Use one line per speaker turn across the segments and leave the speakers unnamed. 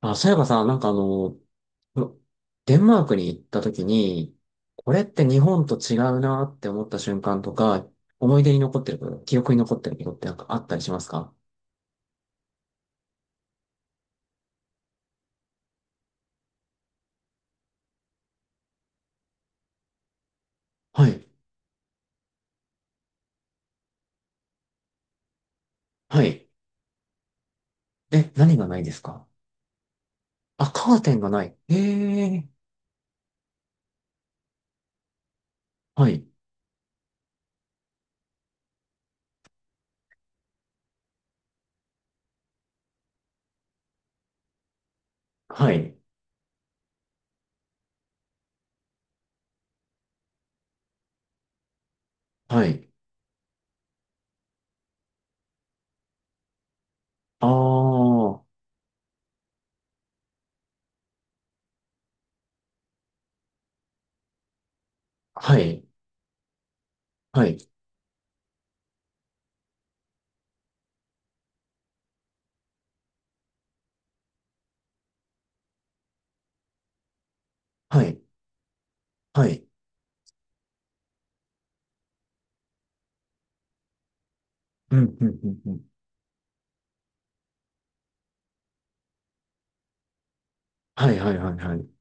あ、そういえばさ、なんかデンマークに行った時に、これって日本と違うなって思った瞬間とか、思い出に残ってること、記憶に残ってることってなんかあったりしますか？はい。はい。え、何がないですか？あ、カーテンがない。ええ。はい。はい。はい。ああ。はい。はい。はい。はい。うん、うん、うん、うん。はい、はい、はい、はい。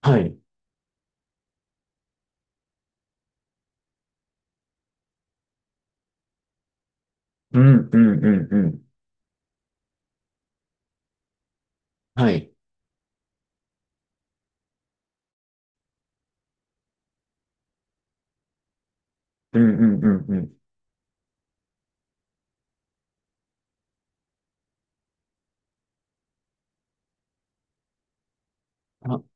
はい。うん、うん、うん、うん。はい。うん、うん、うん、うん。あ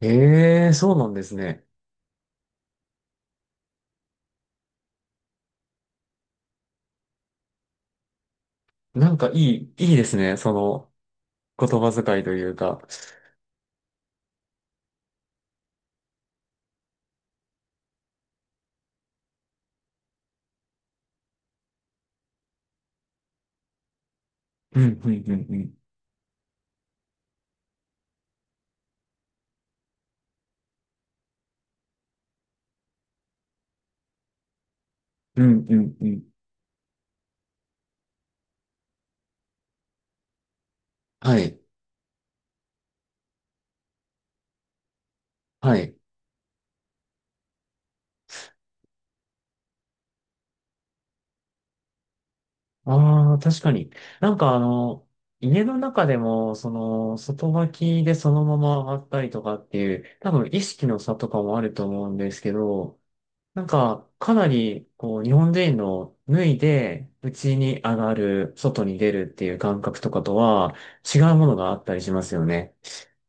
ええ、そうなんですね。なんかいい、いいですね。その言葉遣いというか。うん、うん、うん、うん。うん、うん、うん。はい。はい。ああ、確かに。なんか家の中でも、その、外履きでそのまま上がったりとかっていう、多分意識の差とかもあると思うんですけど、なんか、かなり、こう、日本人の脱いで、家に上がる、外に出るっていう感覚とかとは、違うものがあったりしますよね。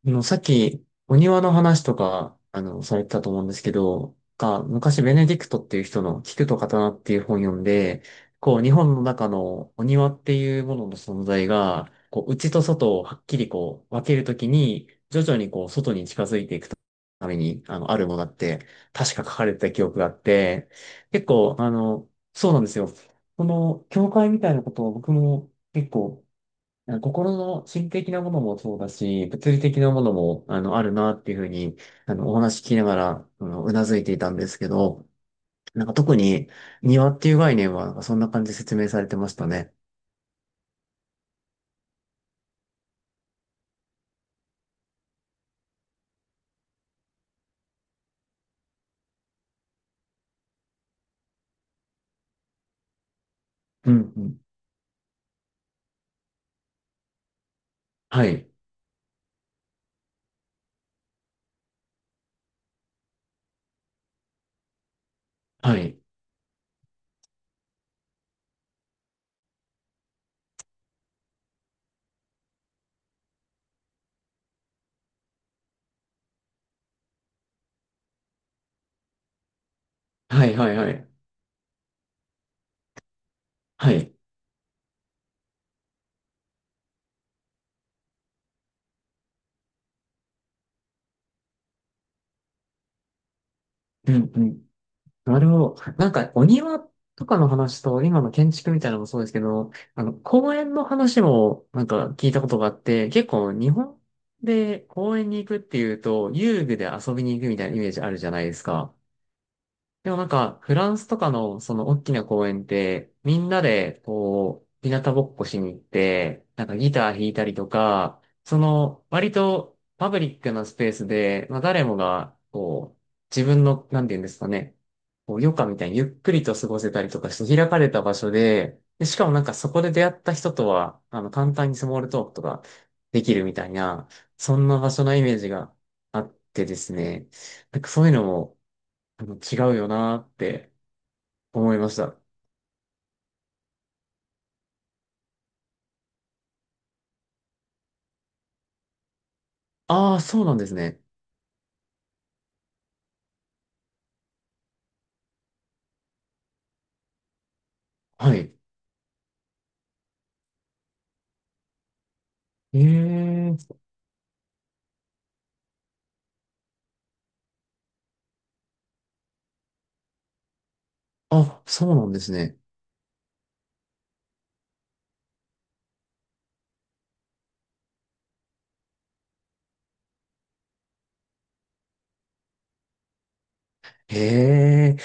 さっき、お庭の話とか、されてたと思うんですけど、が、昔、ベネディクトっていう人の菊と刀っていう本読んで、こう、日本の中のお庭っていうものの存在が、こう、内と外をはっきりこう、分けるときに、徐々にこう、外に近づいていくために、あるものだって、確か書かれてた記憶があって、結構、そうなんですよ。この、教会みたいなことを僕も結構、なんか心的なものもそうだし、物理的なものも、あるなっていうふうに、お話聞きながら、うなずいていたんですけど、なんか特に庭っていう概念は、なんかそんな感じで説明されてましたね。うん、うん。はい。はい。はい、はい、はい。はい。うん、うん。なるほど。なんか、お庭とかの話と、今の建築みたいなのもそうですけど、公園の話も、なんか聞いたことがあって、結構日本で公園に行くっていうと、遊具で遊びに行くみたいなイメージあるじゃないですか。でもなんか、フランスとかのその大きな公園って、みんなでこう、日向ぼっこしに行って、なんかギター弾いたりとか、その、割とパブリックなスペースで、まあ誰もが、こう、自分の、なんて言うんですかね、こう、余暇みたいにゆっくりと過ごせたりとかして開かれた場所で、で、しかもなんかそこで出会った人とは、簡単にスモールトークとかできるみたいな、そんな場所のイメージがあってですね、なんかそういうのも、違うよなーって思いました。ああ、そうなんですね。はい。ええ。あ、そうなんですね。へえ。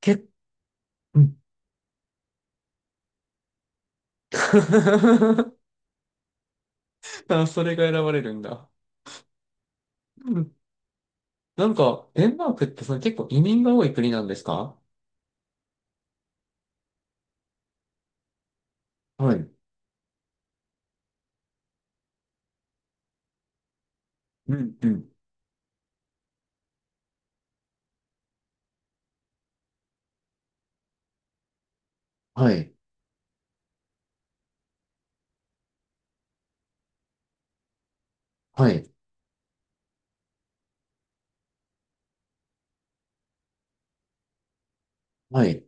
け、うん。あ、それが選ばれるんだ。うん。なんか、デンマークってその結構移民が多い国なんですか？はい。うん、うん。はい。はい。はい。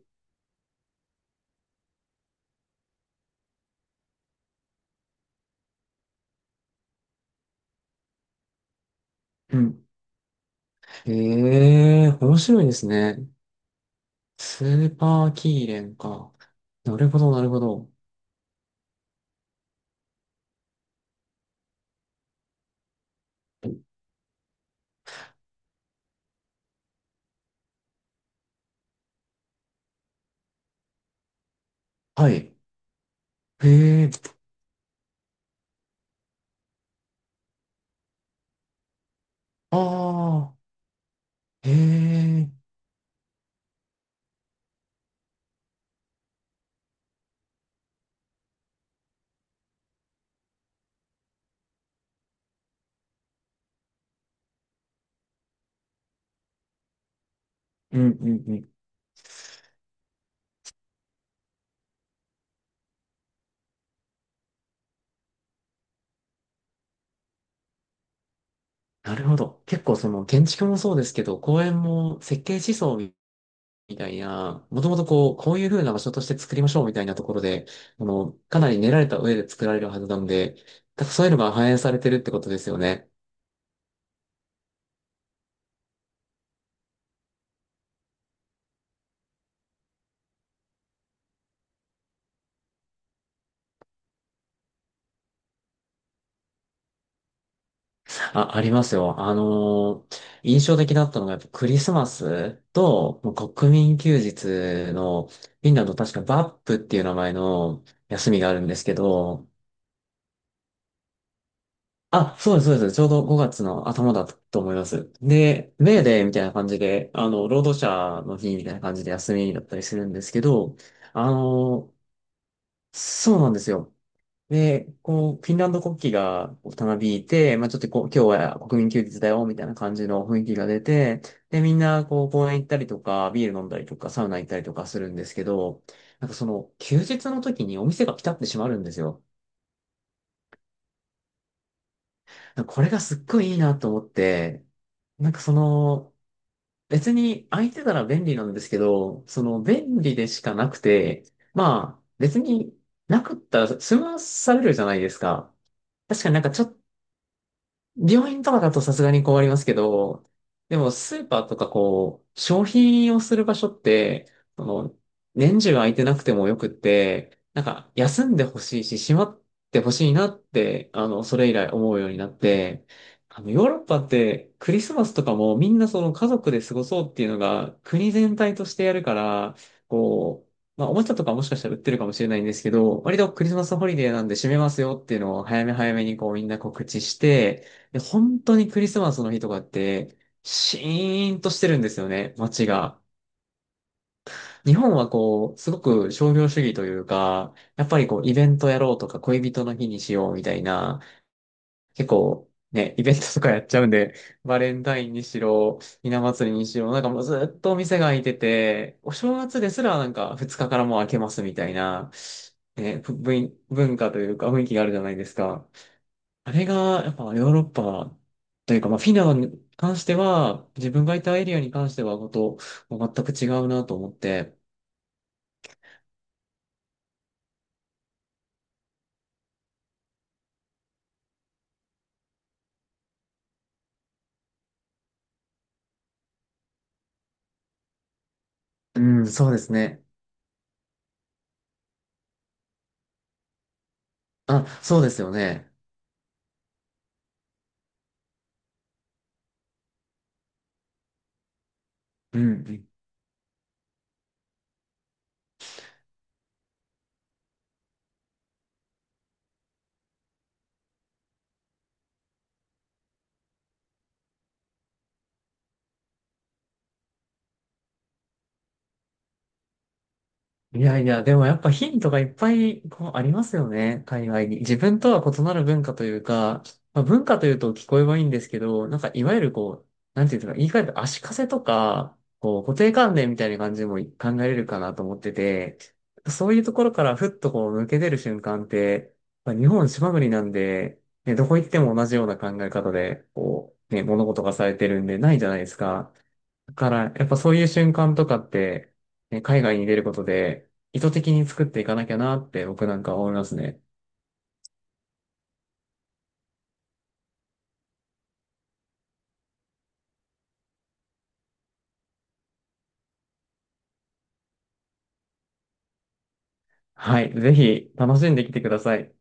うん。へえ、面白いですね。スーパーキーレンか。なるほど、なるほど。はい。へえ、ああ。へえ、うんうんうん。なるほど。結構その建築もそうですけど、公園も設計思想みたいな、もともとこう、こういう風な場所として作りましょうみたいなところで、かなり練られた上で作られるはずなんで、だからそういうのが反映されてるってことですよね。あ、ありますよ。印象的だったのがやっぱクリスマスともう国民休日の、フィンランド確かバップっていう名前の休みがあるんですけど、あ、そうです、そうです。ちょうど5月の頭だったと思います。で、メーデーみたいな感じで、労働者の日みたいな感じで休みだったりするんですけど、あの、そうなんですよ。で、こう、フィンランド国旗がたなびいて、まあちょっとこう、今日は国民休日だよ、みたいな感じの雰囲気が出て、で、みんな、こう、公園行ったりとか、ビール飲んだりとか、サウナ行ったりとかするんですけど、なんかその、休日の時にお店がピタって閉まるんですよ。これがすっごいいいなと思って、なんかその、別に空いてたら便利なんですけど、その便利でしかなくて、まあ別になかったら済まされるじゃないですか。確かになんかちょっ病院とかだとさすがに困りますけど、でもスーパーとかこう、商品をする場所って、その、年中空いてなくてもよくって、なんか休んでほしいし、閉まってほしいなって、それ以来思うようになって、ヨーロッパってクリスマスとかもみんなその家族で過ごそうっていうのが国全体としてやるから、こう、まあ、おもちゃとかもしかしたら売ってるかもしれないんですけど、割とクリスマスホリデーなんで閉めますよっていうのを早め早めにこうみんな告知して、で、本当にクリスマスの日とかって、シーンとしてるんですよね、街が。日本はこう、すごく商業主義というか、やっぱりこう、イベントやろうとか、恋人の日にしようみたいな、結構、ね、イベントとかやっちゃうんで、バレンタインにしろ、ひな祭りにしろ、なんかもうずっとお店が開いてて、お正月ですらなんか2日かからもう開けますみたいな、ね、文化というか雰囲気があるじゃないですか。あれが、やっぱヨーロッパというか、まあ、フィンランドに関しては、自分がいたエリアに関しては、こと、もう全く違うなと思って。うん、そうですね。あ、そうですよね。うん、うん。いやいや、でもやっぱヒントがいっぱいこうありますよね、海外に。自分とは異なる文化というか、まあ、文化というと聞こえはいいんですけど、なんかいわゆるこう、なんていうんですか、言い換えると足かせとか、こう固定観念みたいな感じも考えれるかなと思ってて、そういうところからふっとこう抜け出る瞬間って、まあ、日本島国なんで、ね、どこ行っても同じような考え方で、こう、ね、物事がされてるんでないじゃないですか。だから、やっぱそういう瞬間とかって、ね、海外に出ることで、意図的に作っていかなきゃなって僕なんか思いますね。はい。ぜひ、楽しんできてください。